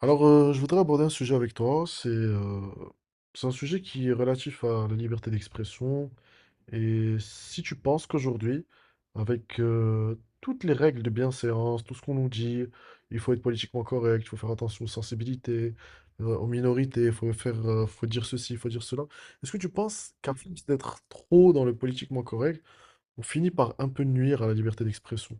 Alors, je voudrais aborder un sujet avec toi. C'est un sujet qui est relatif à la liberté d'expression. Et si tu penses qu'aujourd'hui, avec toutes les règles de bienséance, tout ce qu'on nous dit, il faut être politiquement correct, il faut faire attention aux sensibilités, aux minorités, il faut faire, faut dire ceci, il faut dire cela. Est-ce que tu penses qu'à force d'être trop dans le politiquement correct, on finit par un peu nuire à la liberté d'expression?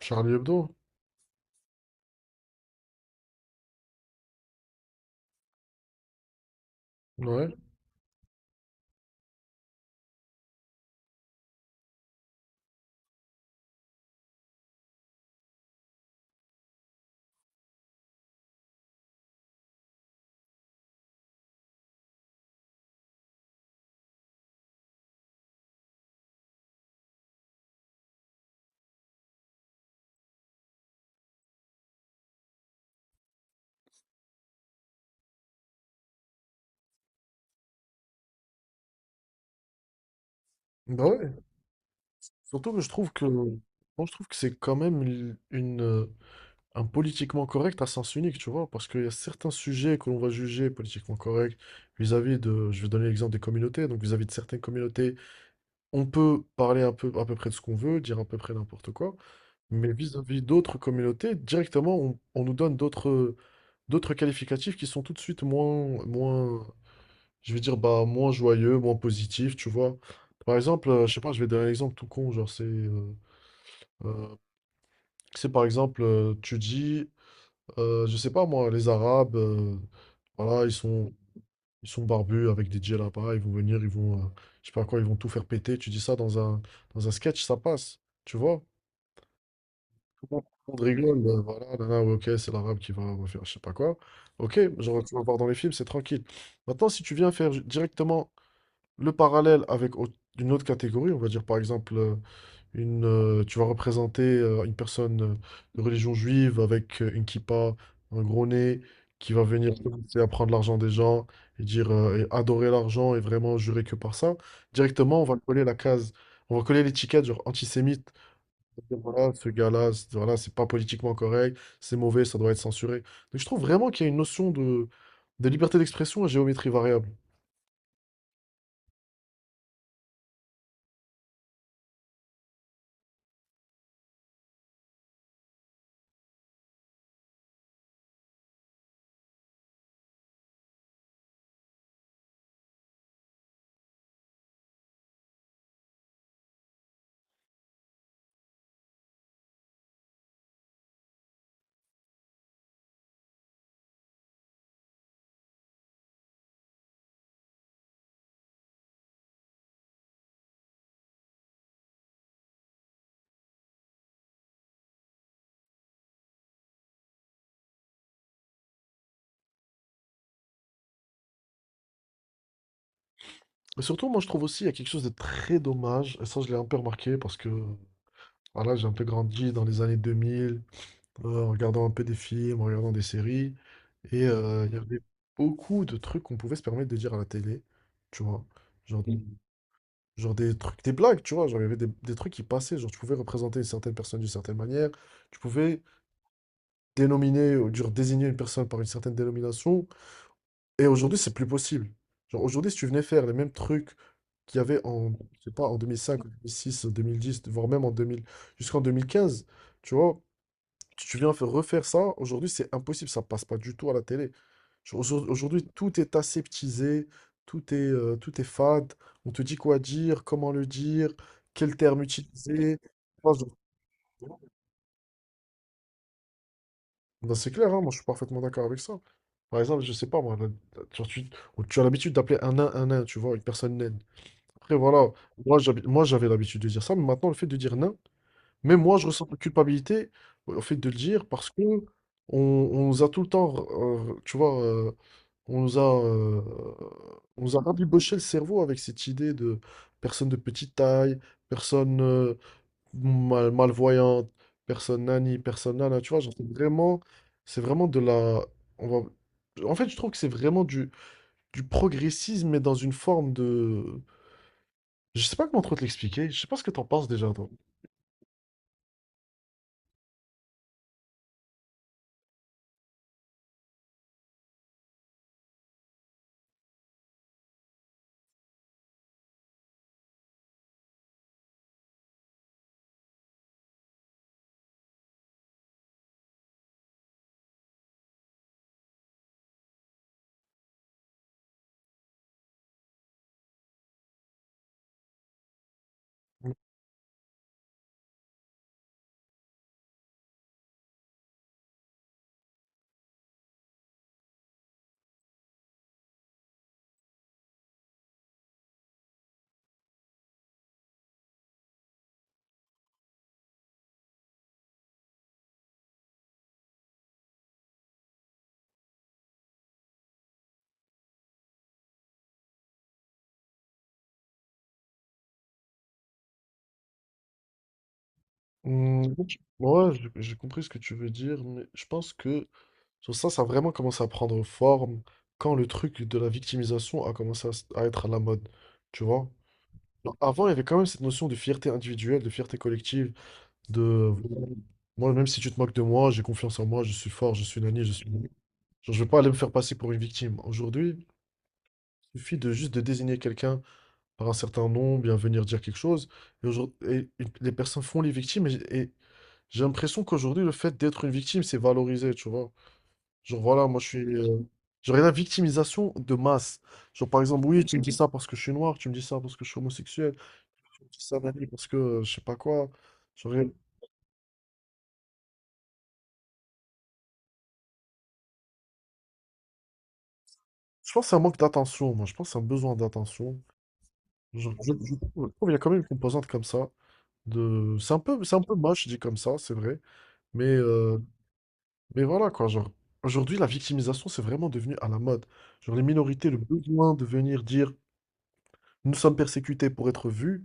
Charlie Hebdo? Ouais. Bah ouais. Surtout que je trouve que, moi, je trouve que c'est quand même un politiquement correct à sens unique, tu vois, parce qu'il y a certains sujets que l'on va juger politiquement corrects vis-à-vis de, je vais donner l'exemple des communautés, donc vis-à-vis de certaines communautés, on peut parler un peu, à peu près de ce qu'on veut, dire à peu près n'importe quoi, mais vis-à-vis d'autres communautés, directement, on nous donne d'autres qualificatifs qui sont tout de suite moins, moins, je vais dire, bah, moins joyeux, moins positifs, tu vois. Par exemple, je sais pas, je vais donner un exemple tout con, genre euh, C'est par exemple, tu dis, je sais pas moi, les Arabes, voilà, ils sont barbus avec des djellabas, ils vont venir, ils vont, je sais pas quoi, ils vont tout faire péter. Tu dis ça dans un sketch, ça passe, tu vois? Tout le monde rigole, voilà, là, là, ouais, ok, c'est l'Arabe qui va faire je sais pas quoi. Ok, genre, tu vas voir dans les films, c'est tranquille. Maintenant, si tu viens faire directement le parallèle avec une autre catégorie, on va dire par exemple tu vas représenter une personne de religion juive avec une kippa, un gros nez, qui va venir commencer à prendre l'argent des gens et dire et adorer l'argent et vraiment jurer que par ça. Directement, on va coller la case, on va coller l'étiquette genre antisémite. On va dire, voilà, ce gars-là, voilà, c'est pas politiquement correct, c'est mauvais, ça doit être censuré. Donc je trouve vraiment qu'il y a une notion de liberté d'expression à géométrie variable. Et surtout, moi, je trouve aussi qu'il y a quelque chose de très dommage, et ça, je l'ai un peu remarqué parce que voilà, j'ai un peu grandi dans les années 2000, en regardant un peu des films, en regardant des séries. Et il y avait beaucoup de trucs qu'on pouvait se permettre de dire à la télé, tu vois. Genre, Mm. Genre des trucs, des blagues, tu vois. Genre, il y avait des trucs qui passaient. Genre, tu pouvais représenter une certaine personne d'une certaine manière. Tu pouvais dénominer, ou genre, désigner une personne par une certaine dénomination. Et aujourd'hui, c'est plus possible. Genre, aujourd'hui, si tu venais faire les mêmes trucs qu'il y avait en, je sais pas, en 2005, en 2006, en 2010 voire même en 2000 jusqu'en 2015, tu vois. Tu viens faire- refaire ça, aujourd'hui c'est impossible, ça passe pas du tout à la télé. Genre, aujourd'hui tout est aseptisé, tout est fade, on te dit quoi dire, comment le dire, quel terme utiliser. Moi, je- Ben, c'est clair, hein, moi je suis parfaitement d'accord avec ça. Par exemple, je sais pas, moi, genre, tu as l'habitude d'appeler un nain, tu vois, une personne naine. Après voilà, moi, j'avais l'habitude de dire ça, mais maintenant le fait de dire nain, mais moi, je ressens de la culpabilité bah, au fait de le dire parce que on nous a tout le temps, tu vois, on nous a, euh, on nous a rabiboché le cerveau avec cette idée de personne de petite taille, personne malvoyante, personne nani, personne nana, tu vois, genre, c'est vraiment de la, on va- en fait, je trouve que c'est vraiment du progressisme, mais dans une forme de, je sais pas comment trop te l'expliquer, je sais pas ce que t'en penses déjà, toi. Hmm, ouais, j'ai compris ce que tu veux dire, mais je pense que sur ça, ça a vraiment commencé à prendre forme quand le truc de la victimisation a commencé à, à être à la mode, tu vois? Genre, avant, il y avait quand même cette notion de fierté individuelle, de fierté collective, de moi, même si tu te moques de moi, j'ai confiance en moi, je suis fort, je suis nani, je suis. Genre, je vais pas aller me faire passer pour une victime. Aujourd'hui, il suffit de juste de désigner quelqu'un par un certain nom, bien venir dire quelque chose, et, aujourd'hui, et les personnes font les victimes, et j'ai l'impression qu'aujourd'hui, le fait d'être une victime, c'est valorisé, tu vois. Genre, voilà, moi, je suis. Genre, il y a la victimisation de masse. Genre, par exemple, oui, tu me dis ça parce que je suis noir, tu me dis ça parce que je suis homosexuel, tu me dis ça, Nani, parce que je sais pas quoi. Genre, je pense que c'est un manque d'attention, moi. Je pense que c'est un besoin d'attention. Genre, je trouve qu'il y a quand même une composante comme ça. C'est un peu moche, dit comme ça, c'est vrai. Mais, euh, mais voilà, quoi. Genre, aujourd'hui, la victimisation, c'est vraiment devenu à la mode. Genre, les minorités, le besoin de venir dire. Nous sommes persécutés pour être vus.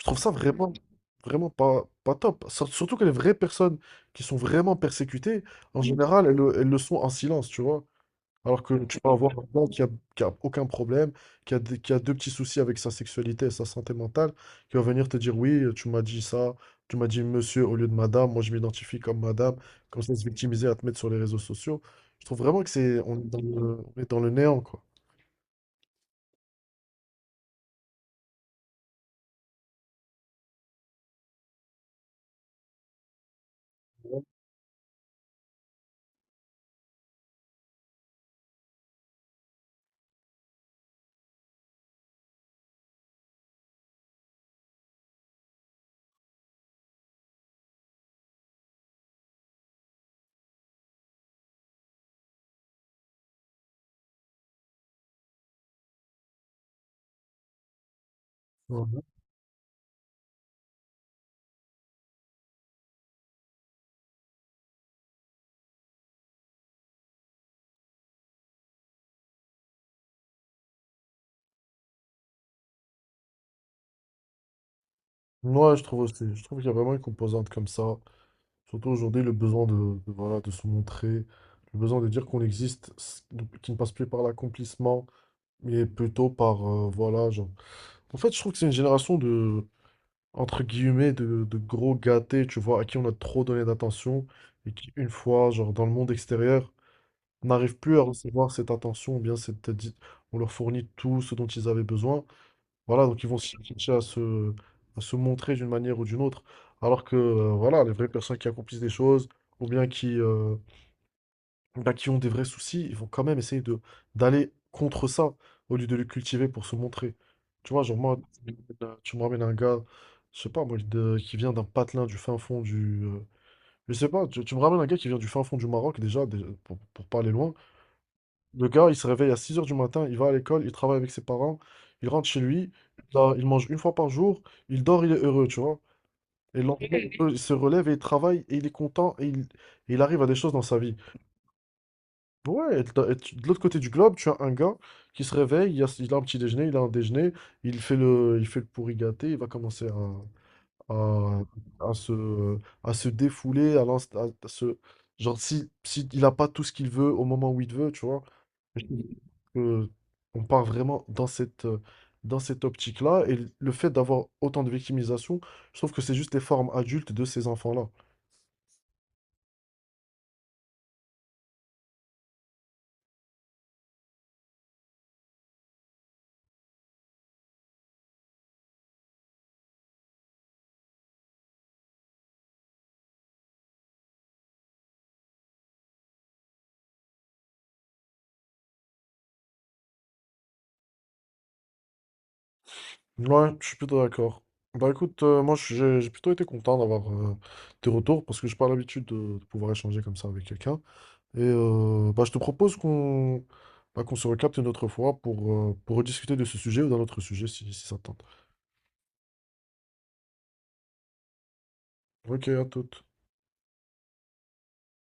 Je trouve ça vraiment, vraiment pas, pas top. Surtout que les vraies personnes qui sont vraiment persécutées, en général, elles le sont en silence, tu vois. Alors que tu peux avoir quelqu'un qui a aucun problème, qui a deux petits soucis avec sa sexualité et sa santé mentale, qui va venir te dire, oui, tu m'as dit ça, tu m'as dit monsieur au lieu de madame, moi je m'identifie comme madame, comme ça se victimiser à te mettre sur les réseaux sociaux. Je trouve vraiment que c'est, on est dans le néant, quoi. Ouais. Moi, je trouve aussi. Je trouve qu'il y a vraiment une composante comme ça. Surtout aujourd'hui, le besoin de, voilà, de se montrer, le besoin de dire qu'on existe, donc, qui ne passe plus par l'accomplissement, mais plutôt par, voilà, genre. En fait, je trouve que c'est une génération de, entre guillemets, de gros gâtés, tu vois, à qui on a trop donné d'attention et qui, une fois, genre, dans le monde extérieur, n'arrivent plus à recevoir cette attention, ou bien cette, on leur fournit tout ce dont ils avaient besoin. Voilà, donc ils vont chercher à se, montrer d'une manière ou d'une autre. Alors que voilà, les vraies personnes qui accomplissent des choses ou bien qui ont des vrais soucis, ils vont quand même essayer de d'aller contre ça au lieu de le cultiver pour se montrer. Tu vois, genre moi, tu me ramènes un gars, je sais pas moi, qui vient d'un patelin du fin fond du. Je sais pas, tu me ramènes un gars qui vient du fin fond du Maroc déjà, déjà, pour pas aller loin. Le gars, il se réveille à 6 heures du matin, il va à l'école, il travaille avec ses parents, il rentre chez lui, là, il mange une fois par jour, il dort, il est heureux, tu vois. Et le lendemain, il se relève et il travaille et il est content et il arrive à des choses dans sa vie. Ouais, de l'autre côté du globe, tu as un gars qui se réveille, il a un petit déjeuner, il a un déjeuner, il fait le pourri gâté, il va commencer à, à, à se défouler, à, l'ins- à se. Genre, si il n'a pas tout ce qu'il veut au moment où il veut, tu vois. Que on part vraiment dans cette, dans cette optique-là. Et le fait d'avoir autant de victimisation, je trouve que c'est juste les formes adultes de ces enfants-là. Ouais, je suis plutôt d'accord. Bah écoute, moi j'ai plutôt été content d'avoir tes retours parce que j'ai pas l'habitude de pouvoir échanger comme ça avec quelqu'un. Et bah, je te propose qu'on se recapte une autre fois pour rediscuter de ce sujet ou d'un autre sujet si ça te tente. Ok, à toute.